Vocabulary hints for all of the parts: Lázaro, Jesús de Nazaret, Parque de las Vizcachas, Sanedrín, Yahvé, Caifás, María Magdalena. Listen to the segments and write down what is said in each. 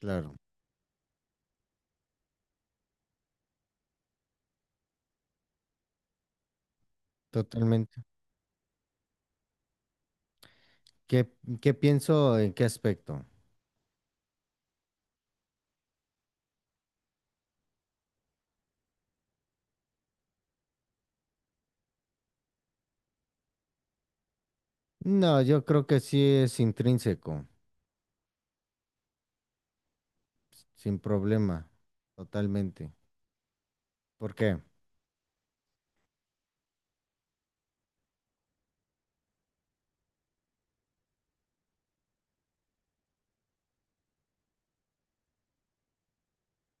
Claro, totalmente. ¿Qué, qué pienso en qué aspecto? No, yo creo que sí es intrínseco, sin problema, totalmente. ¿Por qué?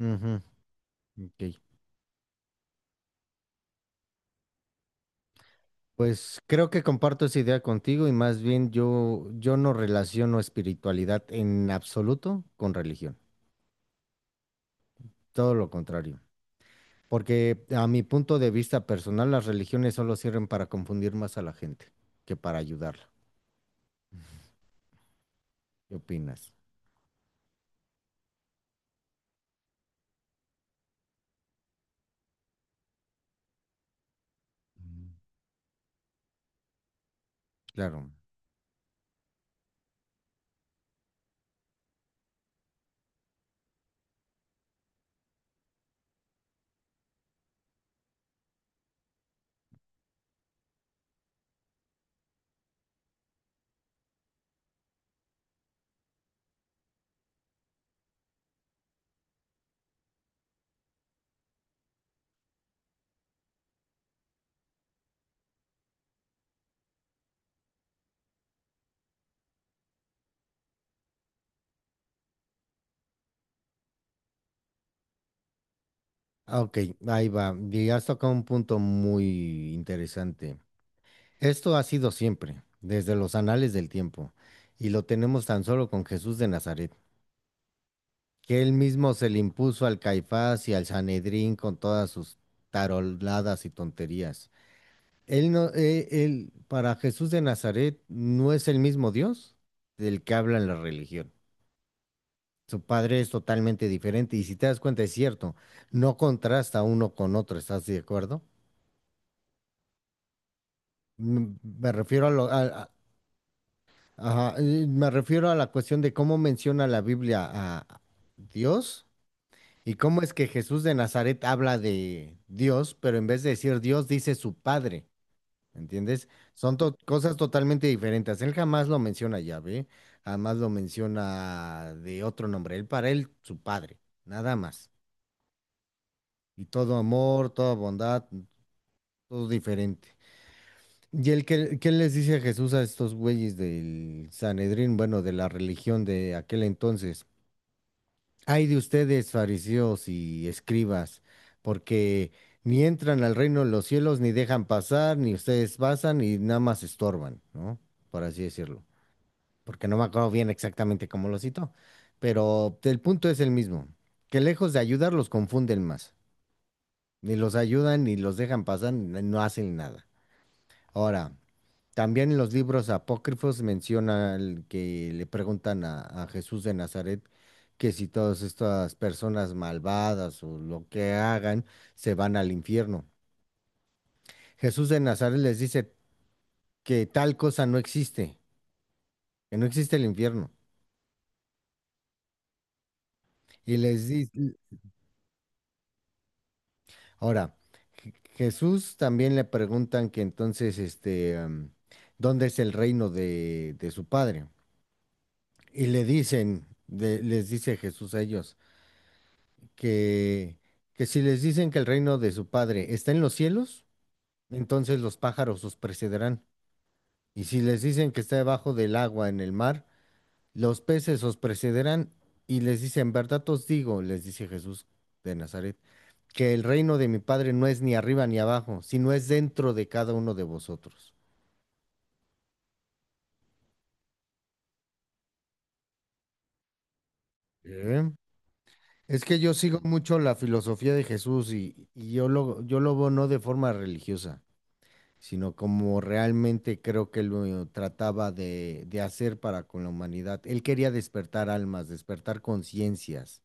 Ujú, ok. Pues creo que comparto esa idea contigo y más bien yo no relaciono espiritualidad en absoluto con religión, todo lo contrario. Porque a mi punto de vista personal, las religiones solo sirven para confundir más a la gente que para ayudarla. ¿Qué opinas? Mm. Claro. Ah, ok, ahí va. Y has tocado un punto muy interesante. Esto ha sido siempre, desde los anales del tiempo, y lo tenemos tan solo con Jesús de Nazaret, que él mismo se le impuso al Caifás y al Sanedrín con todas sus taroladas y tonterías. Él no, él, para Jesús de Nazaret no es el mismo Dios del que habla en la religión. Su padre es totalmente diferente, y si te das cuenta, es cierto, no contrasta uno con otro, ¿estás de acuerdo? Mm. Me refiero a lo, ajá, me refiero a la cuestión de cómo menciona la Biblia a Dios y cómo es que Jesús de Nazaret habla de Dios, pero en vez de decir Dios dice su Padre, ¿entiendes? Son cosas totalmente diferentes. Él jamás lo menciona Yahvé, jamás lo menciona de otro nombre. Él para él su Padre, nada más. Y todo amor, toda bondad, todo diferente. ¿Y él qué les dice Jesús a estos güeyes del Sanedrín, bueno, de la religión de aquel entonces? Ay de ustedes, fariseos y escribas, porque ni entran al reino de los cielos, ni dejan pasar, ni ustedes pasan, y nada más estorban, ¿no? Por así decirlo. Porque no me acuerdo bien exactamente cómo lo citó, pero el punto es el mismo, que lejos de ayudar los confunden más. Ni los ayudan, ni los dejan pasar, ni no hacen nada. Ahora, también en los libros apócrifos menciona el que le preguntan a Jesús de Nazaret que si todas estas personas malvadas o lo que hagan se van al infierno. Jesús de Nazaret les dice que tal cosa no existe, que no existe el infierno. Y les dice, ahora, Jesús también le preguntan que entonces, este, ¿dónde es el reino de su padre? Y le dicen, les dice Jesús a ellos, que, que si les dicen que el reino de su padre está en los cielos, entonces los pájaros os precederán. Y si les dicen que está debajo del agua en el mar, los peces os precederán. Y les dice, en verdad os digo, les dice Jesús de Nazaret, que el reino de mi padre no es ni arriba ni abajo, sino es dentro de cada uno de vosotros. ¿Eh? Es que yo sigo mucho la filosofía de Jesús y yo lo veo no de forma religiosa, sino como realmente creo que lo trataba de hacer para con la humanidad. Él quería despertar almas, despertar conciencias,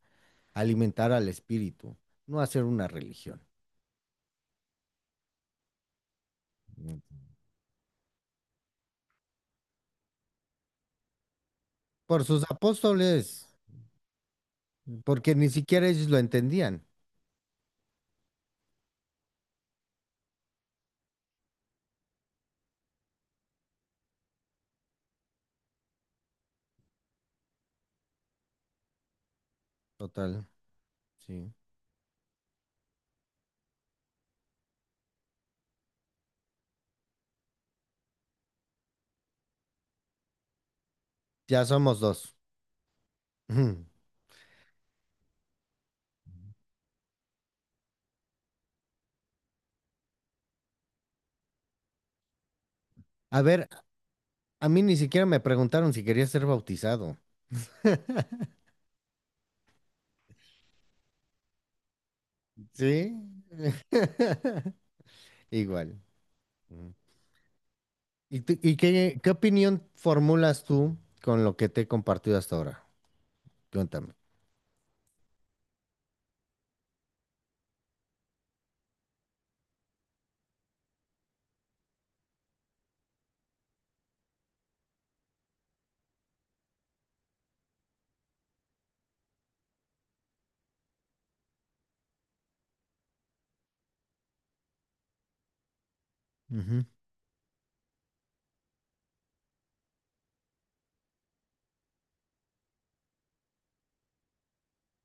alimentar al espíritu, no hacer una religión. Por sus apóstoles, porque ni siquiera ellos lo entendían. Total, sí. Ya somos dos. Ujú. A ver, a mí ni siquiera me preguntaron si quería ser bautizado. Sí. Igual. ¿Y qué opinión formulas tú con lo que te he compartido hasta ahora? Cuéntame. Ujú,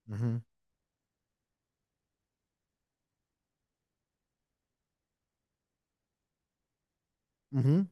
ujú, ujú,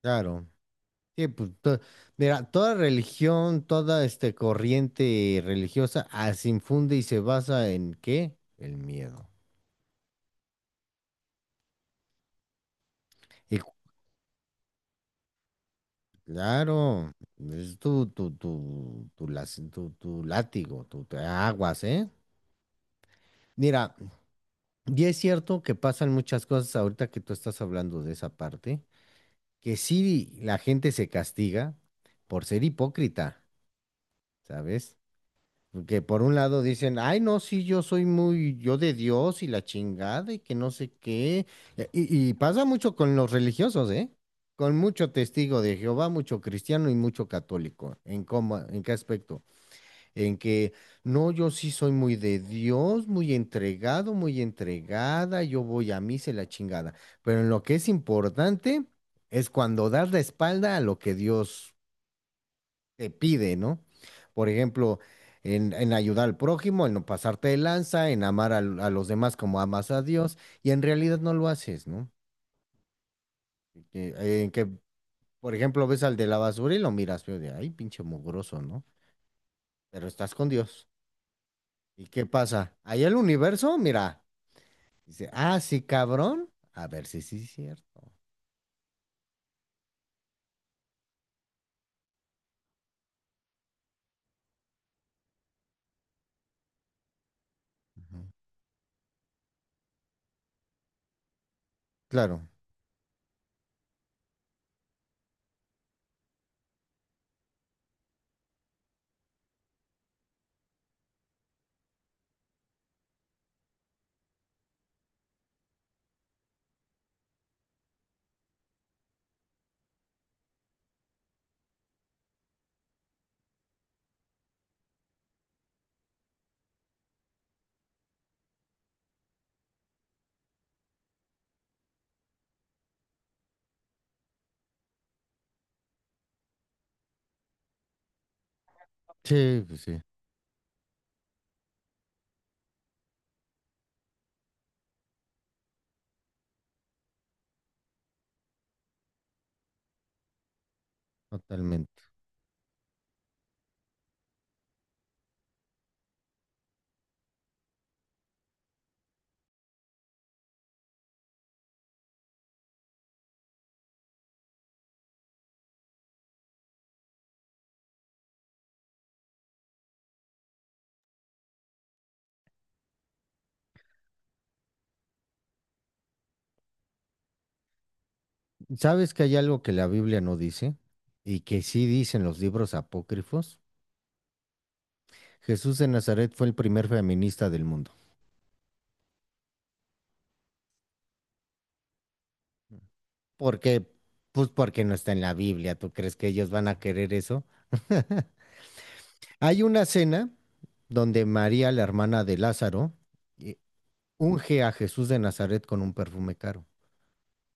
claro. Sí, pues, mira, toda religión, toda este corriente religiosa, se infunde y se basa en ¿qué? El miedo. Y cu- claro, es tu látigo, tu aguas, ¿eh? Mira, y es cierto que pasan muchas cosas ahorita que tú estás hablando de esa parte, que sí la gente se castiga por ser hipócrita, ¿sabes? Que por un lado dicen, ay, no, sí, yo de Dios y la chingada y que no sé qué. Y pasa mucho con los religiosos, ¿eh? Con mucho testigo de Jehová, mucho cristiano y mucho católico. ¿En qué aspecto? En que no, yo sí soy muy de Dios, muy entregado, muy entregada, yo voy a misa y la chingada. Pero en lo que es importante es cuando das la espalda a lo que Dios te pide, ¿no? Por ejemplo, en ayudar al prójimo, en no pasarte de lanza, en amar a los demás como amas a Dios, y en realidad no lo haces, ¿no? En que, por ejemplo, ves al de la basura y lo miras feo de, ay, pinche mugroso, ¿no? Pero estás con Dios. ¿Y qué pasa? Ahí el universo, mira. Dice, ah, sí, cabrón. A ver si sí es cierto. Ujú. Claro, sí, pues sí, totalmente. ¿Sabes que hay algo que la Biblia no dice y que sí dicen los libros apócrifos? Jesús de Nazaret fue el primer feminista del mundo. ¿Por qué? Pues porque no está en la Biblia. ¿Tú crees que ellos van a querer eso? Hay una cena donde María, la hermana de Lázaro, eh, unge a Jesús de Nazaret con un perfume caro.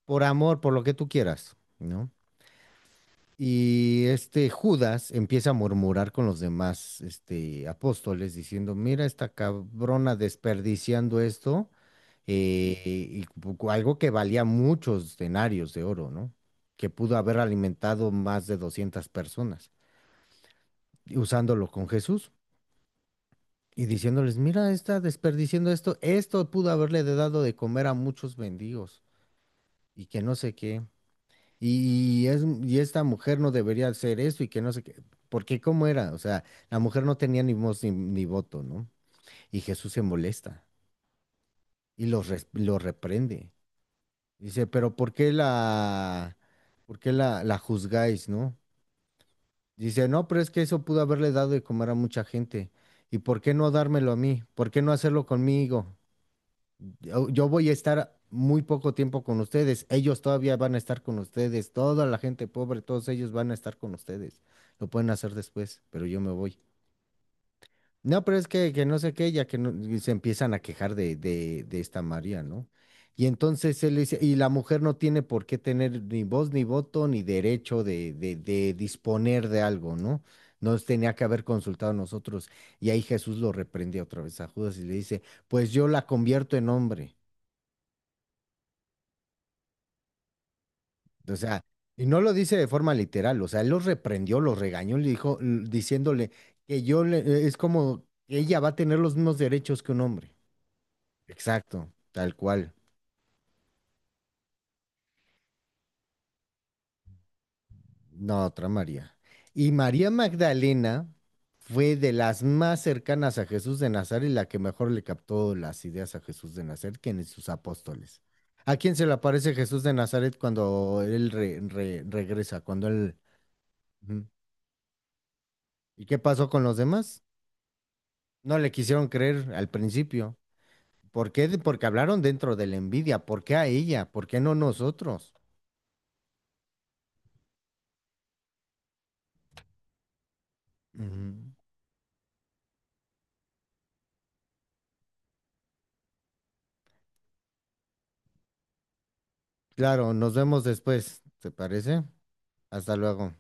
Por amor, por lo que tú quieras, ¿no? Y este Judas empieza a murmurar con los demás apóstoles diciendo, mira esta cabrona desperdiciando esto, eh, y algo que valía muchos denarios de oro, ¿no? Que pudo haber alimentado más de 200 personas, y usándolo con Jesús y diciéndoles, mira está desperdiciando esto, esto pudo haberle dado de comer a muchos mendigos y que no sé qué. Y esta mujer no debería hacer esto y que no sé qué. Porque cómo era, o sea, la mujer no tenía ni voz ni voto, ¿no? Y Jesús se molesta y los reprende. Dice, pero ¿por qué la, juzgáis, no? Dice, no, pero es que eso pudo haberle dado de comer a mucha gente. ¿Y por qué no dármelo a mí? ¿Por qué no hacerlo conmigo? Yo voy a estar muy poco tiempo con ustedes. Ellos todavía van a estar con ustedes. Toda la gente pobre, todos ellos van a estar con ustedes. Lo pueden hacer después, pero yo me voy. No, pero es que no sé qué, ya que no- y se empiezan a quejar de, de esta María, ¿no? Y entonces él dice, y la mujer no tiene por qué tener ni voz, ni voto, ni derecho de, de disponer de algo, ¿no? Nos tenía que haber consultado a nosotros. Y ahí Jesús lo reprendía otra vez a Judas y le dice, pues yo la convierto en hombre. O sea, y no lo dice de forma literal, o sea, él los reprendió, los regañó, le dijo, diciéndole que es como que ella va a tener los mismos derechos que un hombre. Exacto, tal cual. No, otra María. Y María Magdalena fue de las más cercanas a Jesús de Nazaret y la que mejor le captó las ideas a Jesús de Nazaret, que en sus apóstoles. ¿A quién se le aparece Jesús de Nazaret cuando él regresa? Cuando él... Ujú. ¿Y qué pasó con los demás? No le quisieron creer al principio. ¿Por qué? Porque hablaron dentro de la envidia. ¿Por qué a ella? ¿Por qué no nosotros? Ujú. Claro, nos vemos después. ¿Te parece? Hasta luego.